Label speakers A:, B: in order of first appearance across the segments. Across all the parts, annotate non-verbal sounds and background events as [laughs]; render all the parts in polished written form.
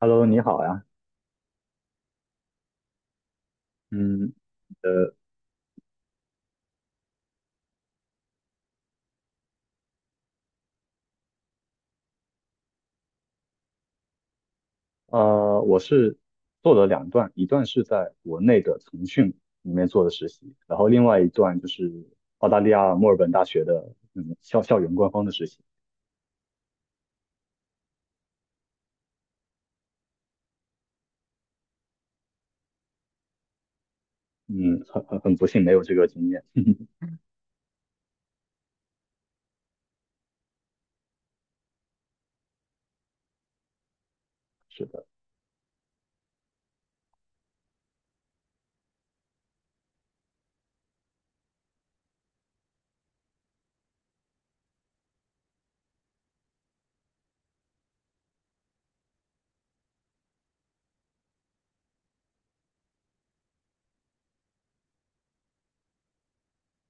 A: Hello，你好呀。嗯。呃，我是做了两段，一段是在国内的腾讯里面做的实习，然后另外一段就是澳大利亚墨尔本大学的校园官方的实习。嗯，很不幸没有这个经验，[laughs] 是的。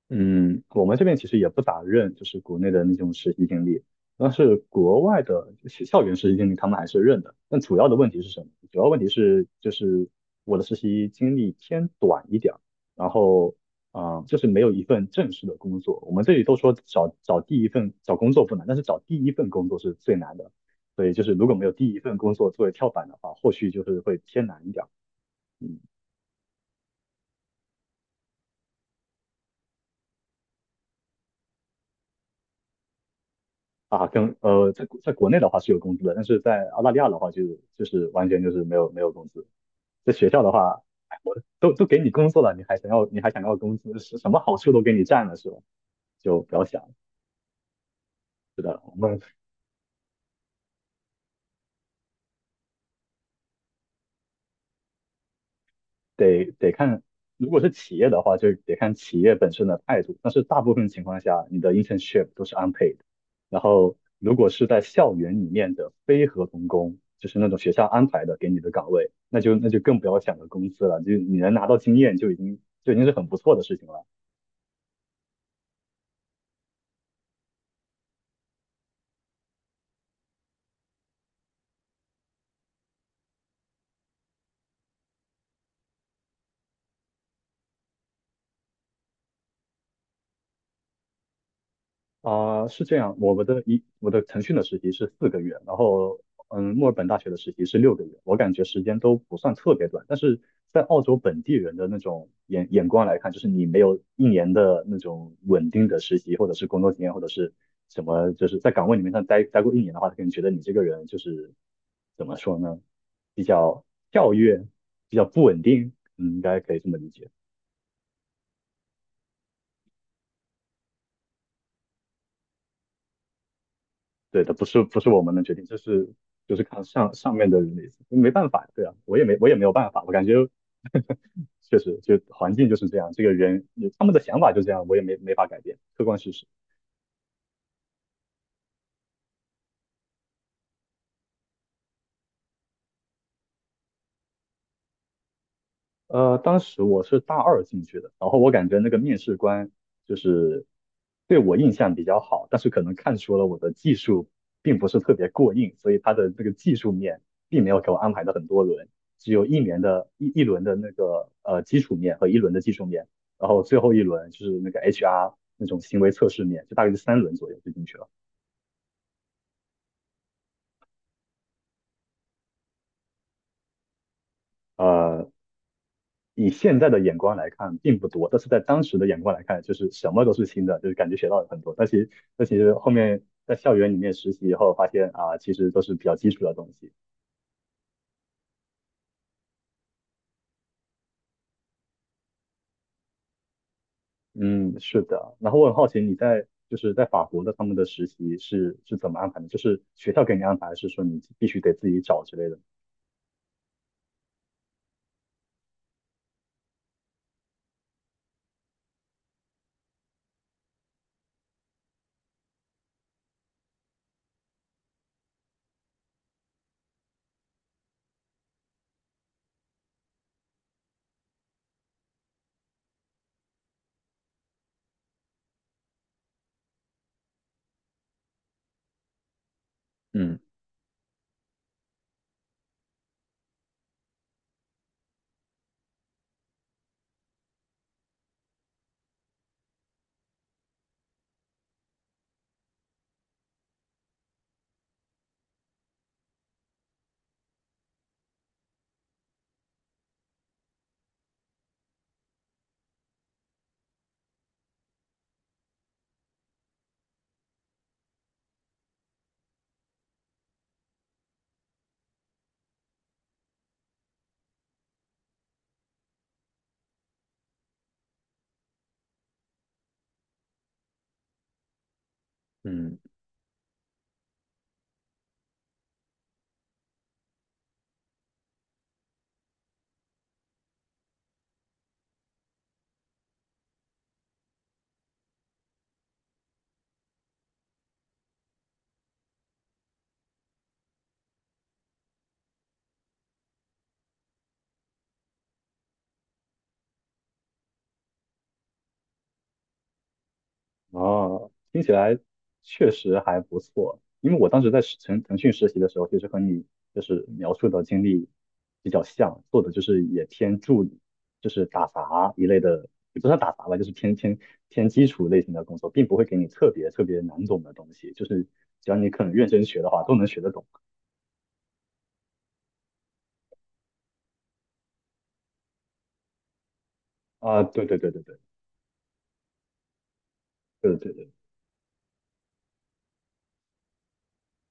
A: 嗯，我们这边其实也不咋认，就是国内的那种实习经历，但是国外的校园实习经历他们还是认的。但主要的问题是什么？主要问题是就是我的实习经历偏短一点儿，然后就是没有一份正式的工作。我们这里都说找第一份找工作不难，但是找第一份工作是最难的。所以就是如果没有第一份工作作为跳板的话，后续就是会偏难一点儿。嗯。啊，在国内的话是有工资的，但是在澳大利亚的话就就是完全就是没有工资。在学校的话，哎我都给你工作了，你还想要你还想要工资，是什么好处都给你占了是吧？就不要想了。是的，我们得看，如果是企业的话，就得看企业本身的态度。但是大部分情况下，你的 internship 都是 unpaid。然后，如果是在校园里面的非合同工，就是那种学校安排的给你的岗位，那就那就更不要想着工资了，就你能拿到经验就已经就已经是很不错的事情了。啊、是这样，我的腾讯的实习是四个月，然后嗯，墨尔本大学的实习是六个月，我感觉时间都不算特别短，但是在澳洲本地人的那种眼光来看，就是你没有一年的那种稳定的实习或者是工作经验或者是什么，就是在岗位里面上待过一年的话，他可能觉得你这个人就是怎么说呢，比较跳跃，比较不稳定。嗯，应该可以这么理解。对的，不是我们能决定，这是就是看上面的人的意思，没办法，对啊，我也没有办法，我感觉 [laughs] 确实就环境就是这样，这个人他们的想法就这样，我也没法改变，客观事实。呃，当时我是大二进去的，然后我感觉那个面试官就是对我印象比较好，但是可能看出了我的技术并不是特别过硬，所以他的那个技术面并没有给我安排的很多轮，只有一年的一轮的那个呃基础面和一轮的技术面，然后最后一轮就是那个 HR 那种行为测试面，就大概是三轮左右就进去了。呃，以现在的眼光来看并不多，但是在当时的眼光来看，就是什么都是新的，就是感觉学到了很多。但其实后面在校园里面实习以后，发现啊，其实都是比较基础的东西。嗯，是的。然后我很好奇，你在就是在法国的他们的实习是怎么安排的？就是学校给你安排，还是说你必须得自己找之类的？嗯。嗯。啊，听起来确实还不错。因为我当时在腾讯实习的时候，其实和你就是描述的经历比较像，做的就是也偏助理，就是打杂一类的，也不算打杂吧，就是偏基础类型的工作，并不会给你特别特别难懂的东西，就是只要你肯认真学的话，都能学得懂。啊，对对对对对对对对。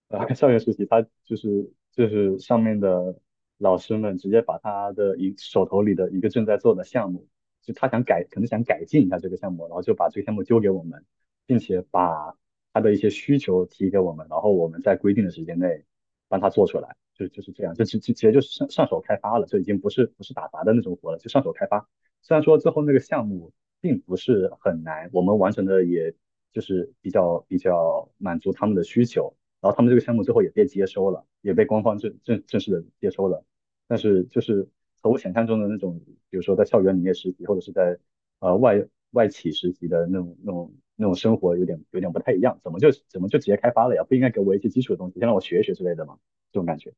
A: [laughs] 校园实习，他就是就是上面的老师们直接把他的一手头里的一个正在做的项目，就他想改，可能想改进一下这个项目，然后就把这个项目丢给我们，并且把他的一些需求提给我们，然后我们在规定的时间内帮他做出来，就就是这样，就就直接就是上手开发了，就已经不是打杂的那种活了，就上手开发。虽然说最后那个项目并不是很难，我们完成的也就是比较满足他们的需求。然后他们这个项目最后也被接收了，也被官方正式的接收了。但是就是和我想象中的那种，比如说在校园里面实习，或者是在呃外企实习的那种生活，有点不太一样。怎么就怎么就直接开发了呀？不应该给我一些基础的东西，先让我学一学之类的吗？这种感觉。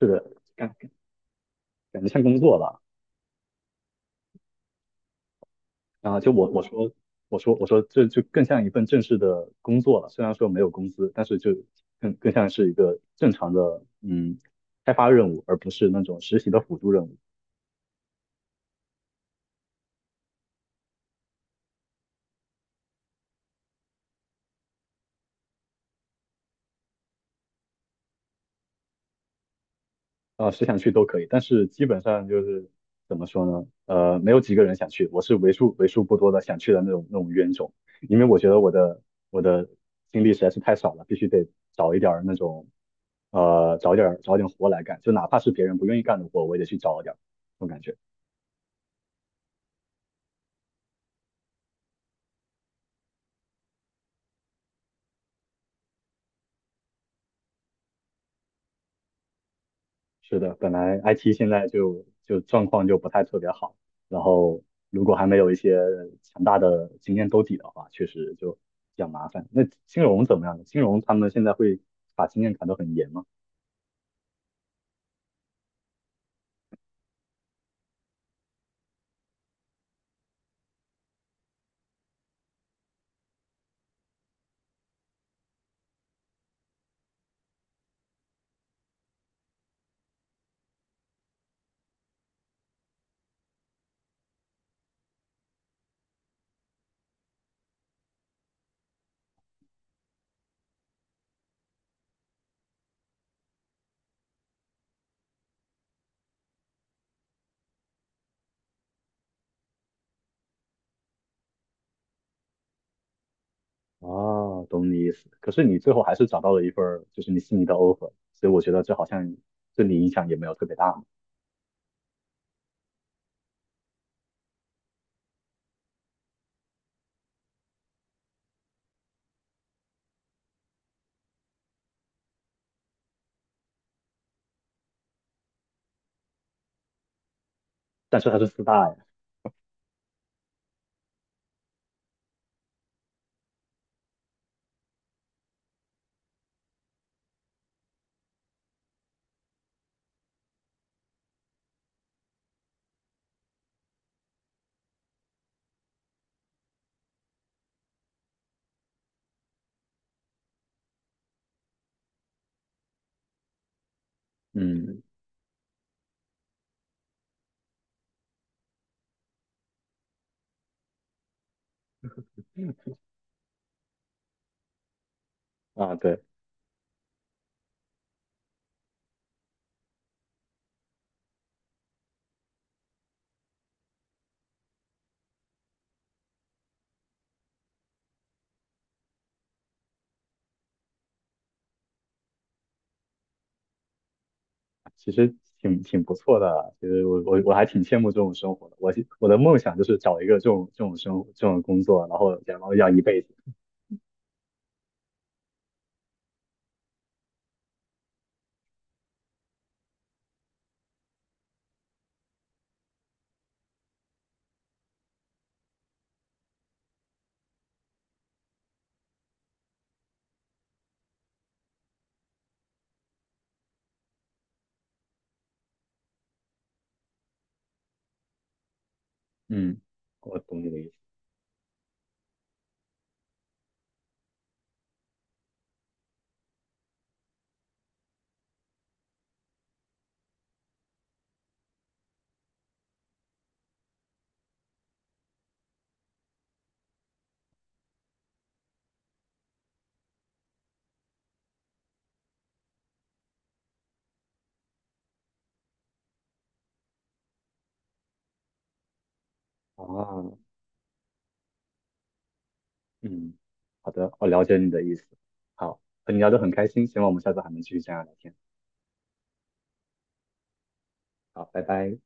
A: 是的，感感觉像工作吧。啊，就我我说我说我说这就更像一份正式的工作了，虽然说没有工资，但是就更更像是一个正常的嗯开发任务，而不是那种实习的辅助任务。啊，谁想去都可以，但是基本上就是怎么说呢？呃，没有几个人想去，我是为数不多的想去的那种冤种，因为我觉得我的经历实在是太少了，必须得找一点儿那种找一点活来干，就哪怕是别人不愿意干的活，我也得去找一点儿，这种感觉。是的，本来 IT 现在就状况就不太特别好，然后如果还没有一些强大的经验兜底的话，确实就比较麻烦。那金融怎么样呢金融他们现在会把经验砍得很严吗？啊，懂你意思。可是你最后还是找到了一份儿就是你心仪的 offer，所以我觉得这好像对你影响也没有特别大嘛。但是它是四大呀。嗯。啊，对。其实挺挺不错的啊。其实我还挺羡慕这种生活的。我我的梦想就是找一个这种生活这种工作，然后然后要一辈子。嗯，我懂你的意思啊。嗯，好的，我了解你的意思。好，和你聊得很开心，希望我们下次还能继续这样聊天。好，拜拜。